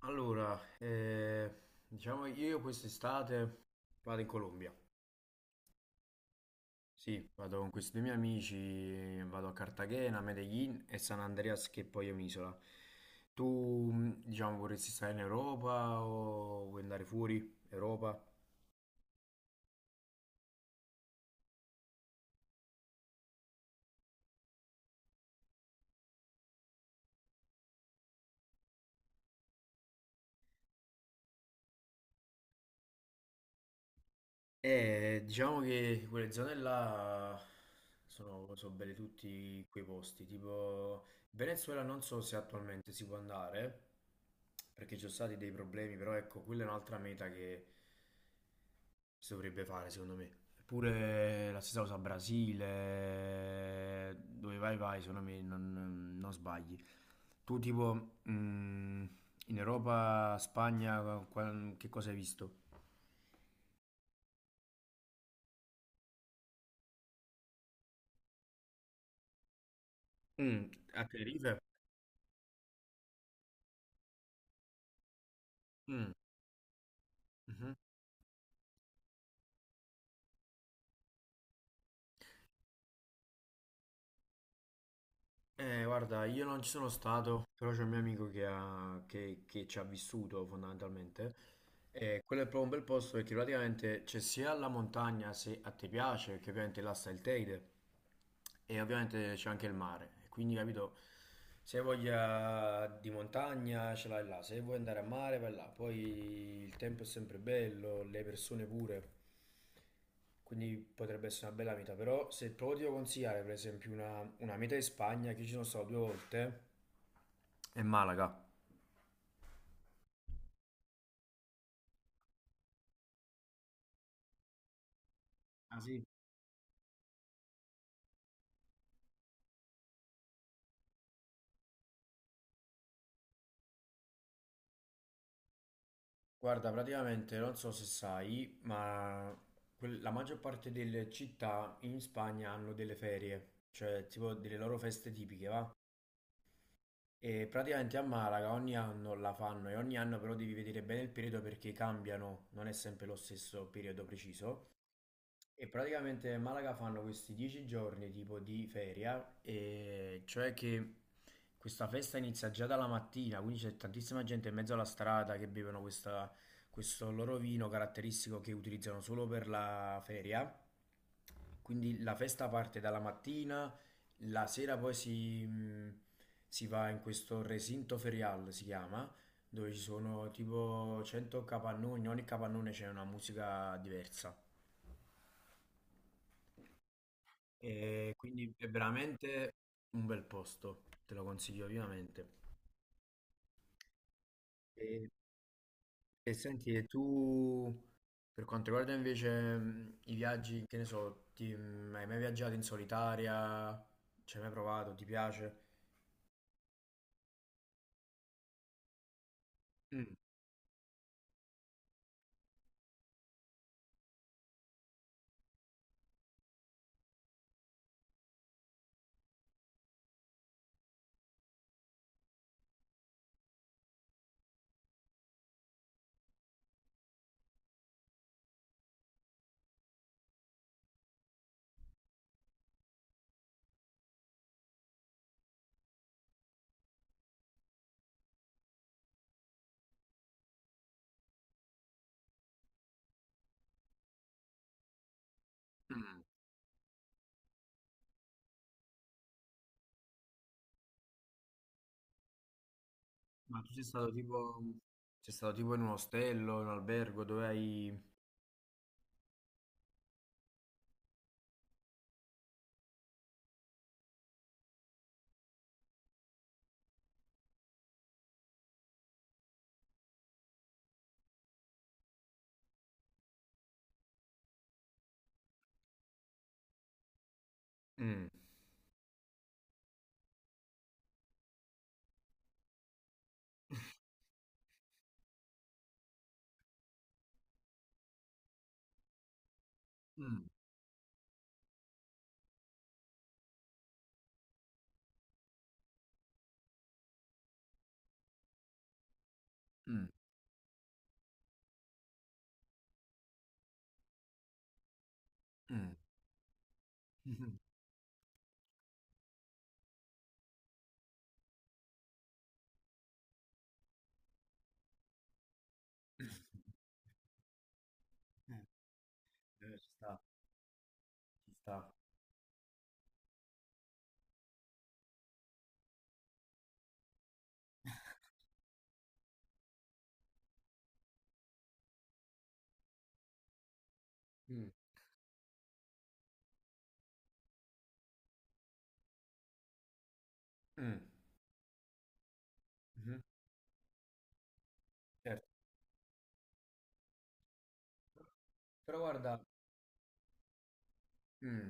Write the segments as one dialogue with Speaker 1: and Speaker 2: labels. Speaker 1: Allora, diciamo che io quest'estate vado in Colombia. Sì, vado con questi due miei amici, vado a Cartagena, Medellin e San Andreas, che poi è un'isola. Tu, diciamo, vorresti stare in Europa o vuoi andare fuori Europa? Diciamo che quelle zone là sono belle tutti quei posti, tipo Venezuela non so se attualmente si può andare, perché ci sono stati dei problemi, però ecco, quella è un'altra meta che si dovrebbe fare secondo me. Eppure la stessa cosa Brasile, dove vai vai, secondo me non sbagli. Tu tipo in Europa, Spagna, che cosa hai visto? Mm, a Tenerife? Mm, mhm. Guarda, io non ci sono stato, però c'è un mio amico che ci ha vissuto fondamentalmente. E quello è proprio un bel posto perché praticamente c'è sia la montagna se a te piace, perché ovviamente là sta il Teide, e ovviamente c'è anche il mare. E quindi, capito, se hai voglia di montagna ce l'hai là, se vuoi andare a mare vai là. Poi il tempo è sempre bello, le persone pure, quindi potrebbe essere una bella meta. Però se proprio ti devo consigliare, per esempio, una meta in Spagna, che io ci sono stato due volte, è Malaga. Ah sì? Guarda, praticamente non so se sai, ma la maggior parte delle città in Spagna hanno delle ferie, cioè tipo delle loro feste tipiche, va? E praticamente a Malaga ogni anno la fanno e ogni anno però devi vedere bene il periodo perché cambiano, non è sempre lo stesso periodo preciso. E praticamente a Malaga fanno questi 10 giorni tipo di feria, e cioè che questa festa inizia già dalla mattina, quindi c'è tantissima gente in mezzo alla strada che bevono questo loro vino caratteristico che utilizzano solo per la feria. Quindi la festa parte dalla mattina, la sera poi si va in questo recinto ferial, si chiama, dove ci sono tipo 100 capannoni, in ogni capannone c'è una musica diversa. E quindi è veramente un bel posto, te lo consiglio vivamente. E, e senti, e tu per quanto riguarda invece i viaggi, che ne so, hai mai viaggiato in solitaria? Ci hai mai provato? Ti piace? Mm, mm. Ma tu sei stato tipo in un ostello, in un albergo, dove hai. Mm. Mm, mm, mm. Ci sta, ci sta. Mm, mm, mhm. Certo. Però guarda, mm,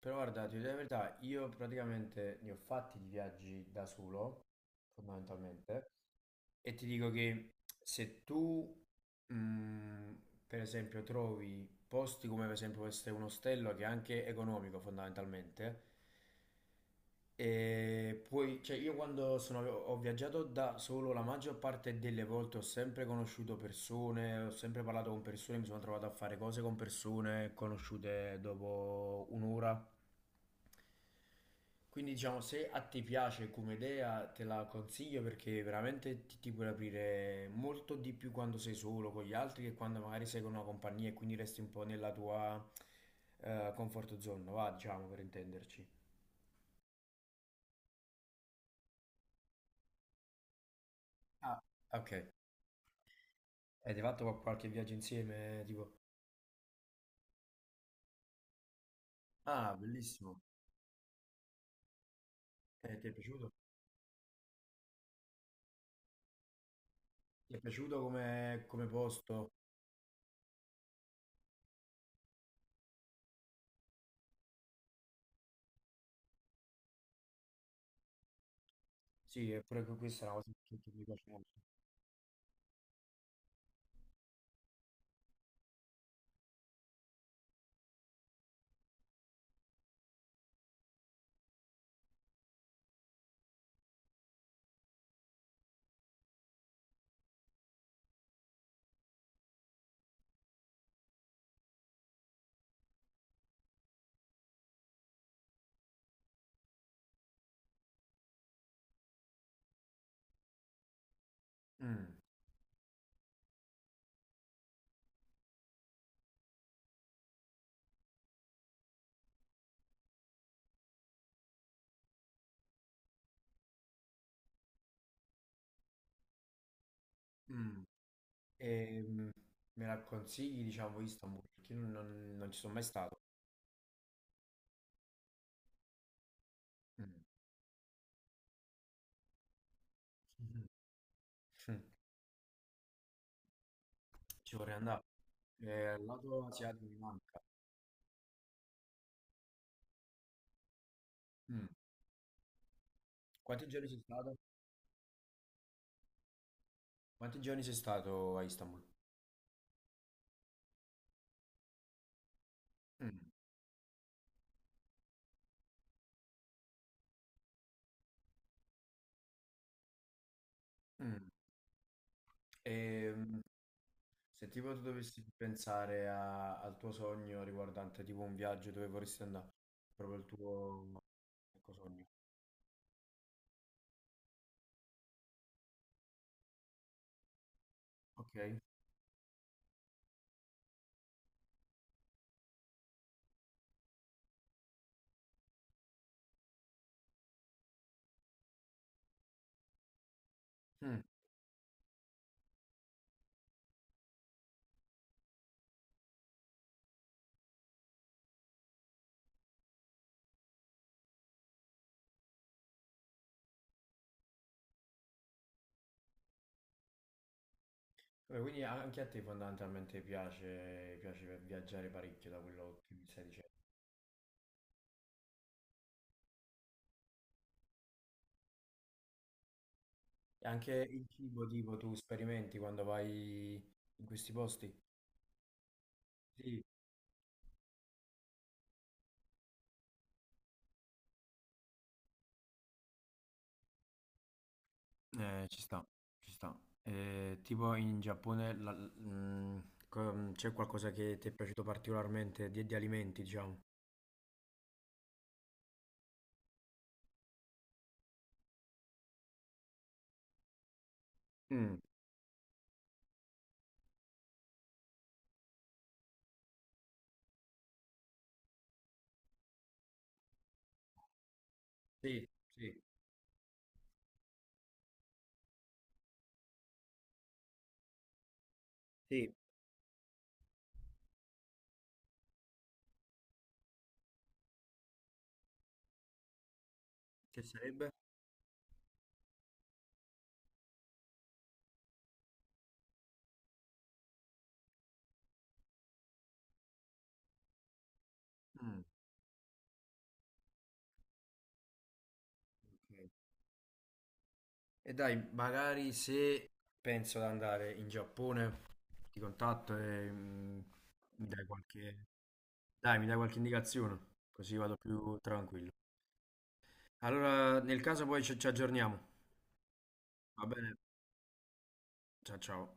Speaker 1: Però guarda, ti dico la verità, io praticamente ne ho fatti di viaggi da solo, fondamentalmente, e ti dico che se tu, mm, per esempio, trovi posti come per esempio questo è un ostello che è anche economico fondamentalmente, e poi, cioè io quando ho viaggiato da solo, la maggior parte delle volte ho sempre conosciuto persone, ho sempre parlato con persone, mi sono trovato a fare cose con persone conosciute dopo un'ora. Quindi diciamo, se a te piace come idea, te la consiglio perché veramente ti puoi aprire molto di più quando sei solo con gli altri che quando magari sei con una compagnia e quindi resti un po' nella tua comfort zone, va, diciamo, per intenderci. Ah, ok. Avete fatto qualche viaggio insieme? Tipo, ah, bellissimo. Ti è piaciuto? Ti è piaciuto come posto? Sì, eppure questa è una cosa che mi piace molto. Mm, mm. E, me la consigli, diciamo, Istanbul, perché io non ci sono mai stato. Mm. Mm. Ci vorrei andare. Al lato asiatico mi manca. Mm. Quanti giorni sei stato? Quanti giorni sei stato a Istanbul? Mm. Mm. E, se tipo tu dovessi pensare al tuo sogno riguardante tipo un viaggio dove vorresti andare, proprio il tuo sogno. Ok. Mm. Vabbè, quindi anche a te fondamentalmente piace viaggiare parecchio da quello che mi stai dicendo. E anche il cibo tipo tu sperimenti quando vai in questi posti? Sì. Ci sta, ci sta. Tipo in Giappone c'è qualcosa che ti è piaciuto particolarmente di alimenti, diciamo? Mm. Sì, sì. Sì. Che sarebbe? Mm. Ok. E dai, magari se penso di andare in Giappone, ti contatto e mi dai qualche, mi dai qualche indicazione, così vado più tranquillo. Allora, nel caso poi ci aggiorniamo. Va bene? Ciao ciao.